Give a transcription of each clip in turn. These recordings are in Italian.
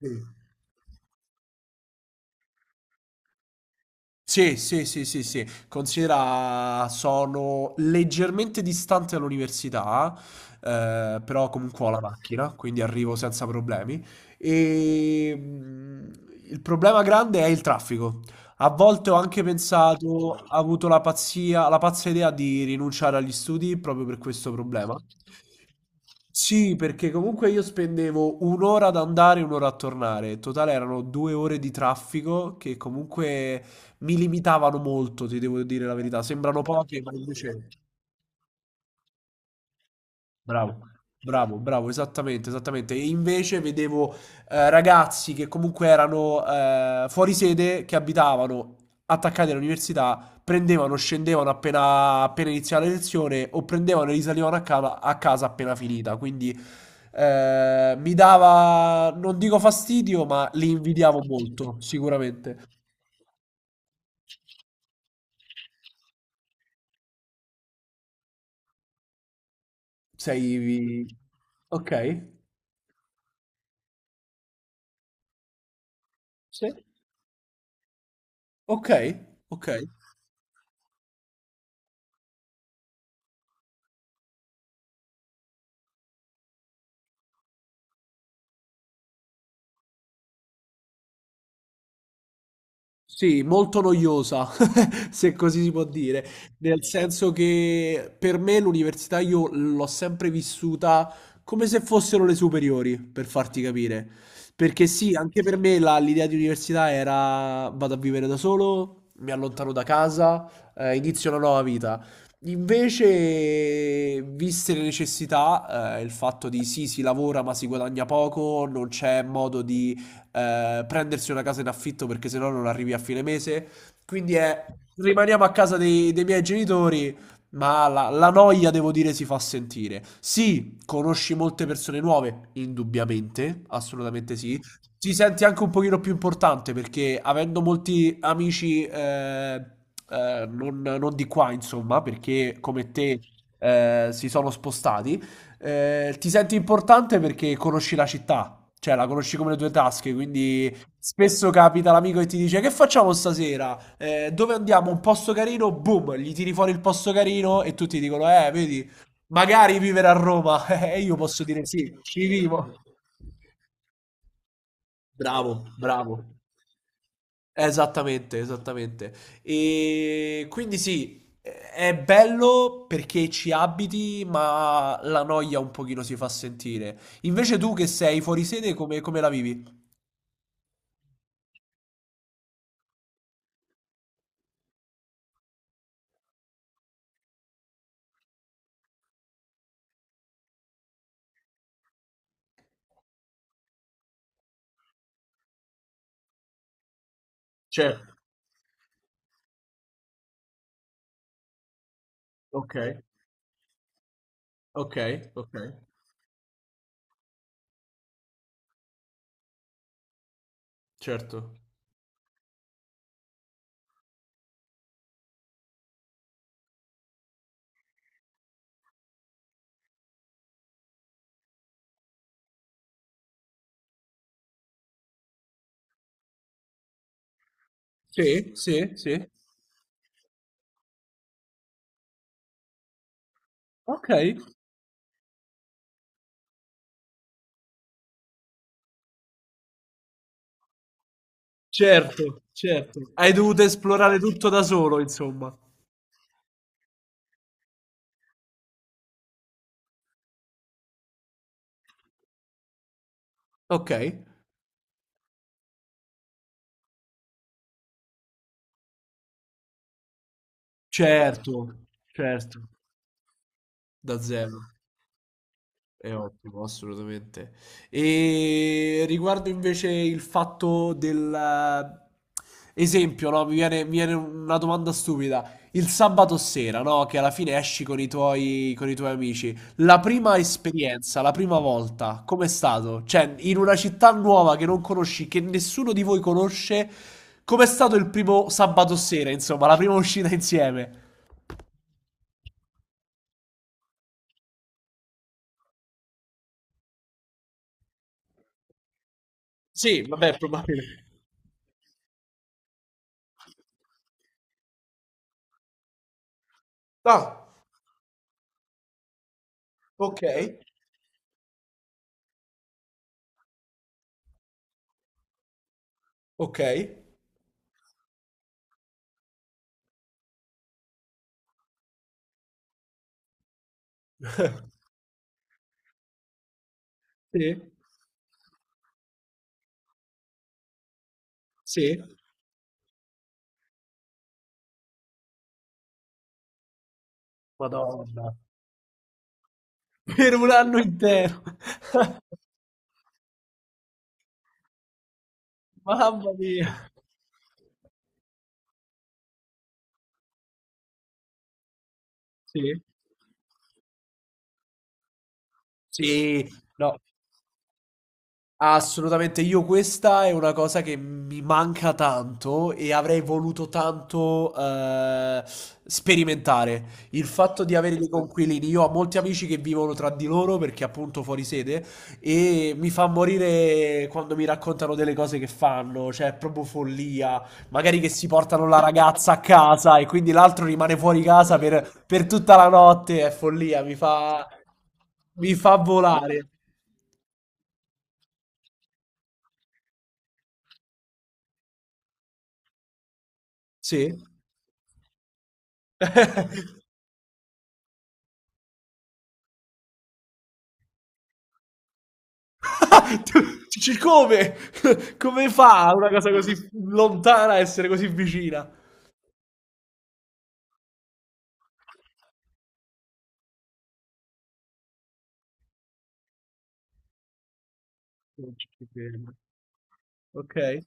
Sì. Sì, sì, sì, sì, sì. Considera sono leggermente distante all'università, però comunque ho la macchina, quindi arrivo senza problemi. E il problema grande è il traffico. A volte ho anche pensato, ho avuto la pazzia, la pazza idea di rinunciare agli studi proprio per questo problema. Sì, perché comunque io spendevo un'ora ad andare e un'ora a tornare. In totale erano due ore di traffico che comunque mi limitavano molto, ti devo dire la verità. Sembrano poche, ma invece... Bravo, bravo, bravo, esattamente, esattamente. E invece vedevo ragazzi che comunque erano fuori sede, che abitavano attaccati all'università, prendevano, scendevano appena, appena iniziava la lezione o prendevano e risalivano a casa appena finita. Quindi mi dava, non dico fastidio, ma li invidiavo molto, sicuramente. Sei... Ok? Sì. Okay, okay. Sì, molto noiosa, se così si può dire, nel senso che per me l'università io l'ho sempre vissuta come se fossero le superiori, per farti capire. Perché sì, anche per me la l'idea di università era: vado a vivere da solo, mi allontano da casa, inizio una nuova vita. Invece, viste le necessità, il fatto di sì, si lavora ma si guadagna poco, non c'è modo di prendersi una casa in affitto perché sennò non arrivi a fine mese. Quindi è rimaniamo a casa dei miei genitori, ma la noia, devo dire, si fa sentire. Sì, conosci molte persone nuove, indubbiamente, assolutamente sì. Ti senti anche un pochino più importante perché avendo molti amici non di qua, insomma, perché come te si sono spostati, ti senti importante perché conosci la città. Cioè, la conosci come le tue tasche, quindi spesso capita l'amico che ti dice: Che facciamo stasera? Dove andiamo? Un posto carino? Boom, gli tiri fuori il posto carino e tutti dicono: vedi, magari vivere a Roma. E io posso dire: Sì, ci vivo. Bravo, bravo. Esattamente, esattamente. E quindi sì, è bello perché ci abiti, ma la noia un pochino si fa sentire. Invece tu che sei fuori sede, come, come la vivi? Certo, okay, okay, okay, certo. Sì, sì, sì. Okay, certo, certo. Hai dovuto esplorare tutto da solo insomma. Okay, certo, certo, da zero. È ottimo, assolutamente. E riguardo invece il fatto del esempio, no? Mi viene una domanda stupida. Il sabato sera, no? Che alla fine esci con i tuoi amici. La prima esperienza, la prima volta, com'è stato? Cioè, in una città nuova che non conosci, che nessuno di voi conosce, com'è stato il primo sabato sera, insomma, la prima uscita insieme? Sì, vabbè, probabile. Ah, ok, ok. Sì, sì. Madonna, per un anno intero. Mamma mia. Sì. Sì, no. Assolutamente, io questa è una cosa che mi manca tanto e avrei voluto tanto sperimentare. Il fatto di avere dei conquilini, io ho molti amici che vivono tra di loro perché appunto fuori sede e mi fa morire quando mi raccontano delle cose che fanno, cioè è proprio follia. Magari che si portano la ragazza a casa e quindi l'altro rimane fuori casa per tutta la notte, è follia, mi fa volare. Sì. Tu dici come? Come fa una cosa così lontana a essere così vicina? Non ci credo. Okay,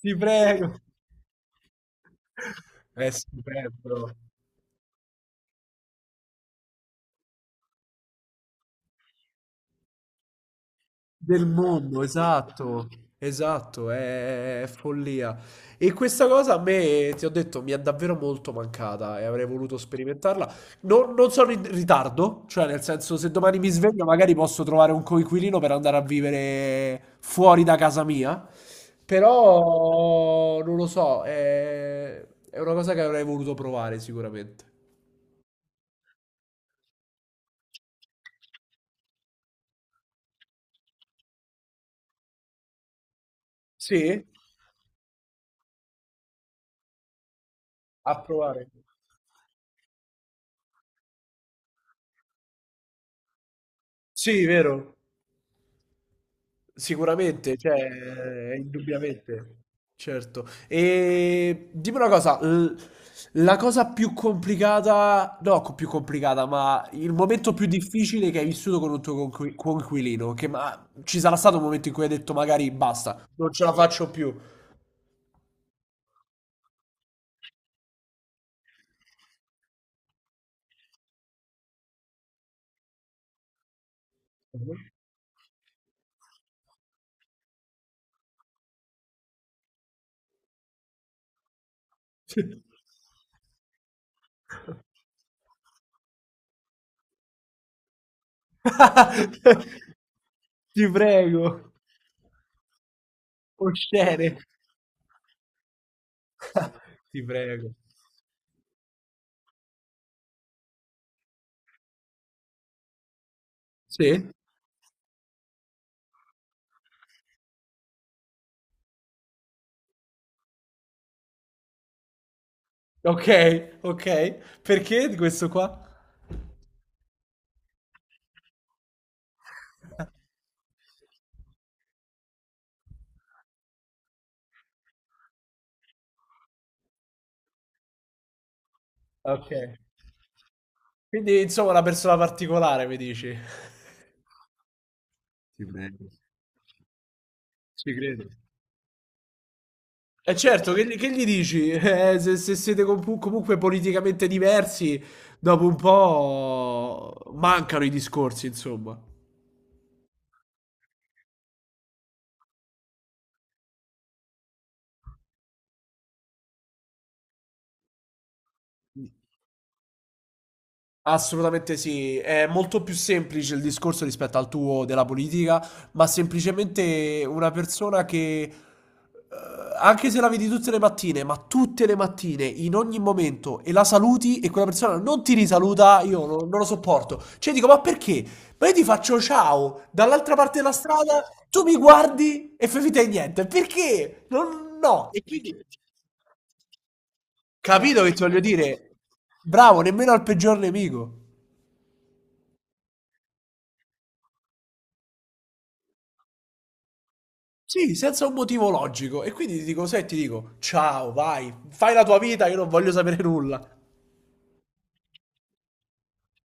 ti prego. È stupendo. Del mondo, esatto, esatto, è follia. E questa cosa a me, ti ho detto, mi è davvero molto mancata e avrei voluto sperimentarla. Non sono in ritardo, cioè nel senso se domani mi sveglio magari posso trovare un coinquilino per andare a vivere fuori da casa mia, però non lo so, è una cosa che avrei voluto provare sicuramente. Sì? A provare. Sì, vero. Sicuramente, cioè, indubbiamente, certo. E dimmi una cosa, la cosa più complicata, no, più complicata, ma il momento più difficile che hai vissuto con un tuo coinquilino, che ma ci sarà stato un momento in cui hai detto magari basta, non ce la faccio più. Mhm. Ti prego, oscene, ti prego. Sì? Ok, ok. Perché di questo qua? Ok. Quindi, insomma, una persona particolare, mi dici? Ti prego. Ci credo. E certo, che gli dici? Se, se siete comunque politicamente diversi, dopo un po' mancano i discorsi, insomma. Assolutamente sì, è molto più semplice il discorso rispetto al tuo della politica, ma semplicemente una persona che, anche se la vedi tutte le mattine, ma tutte le mattine, in ogni momento, e la saluti e quella persona non ti risaluta, io non lo sopporto. Cioè dico, ma perché? Ma io ti faccio ciao dall'altra parte della strada, tu mi guardi e fai finta di niente. Perché? Non- no. E quindi, capito che ti voglio dire? Bravo, nemmeno al peggior nemico. Sì, senza un motivo logico. E quindi ti dico, sai, ti dico, ciao, vai, fai la tua vita, io non voglio sapere nulla.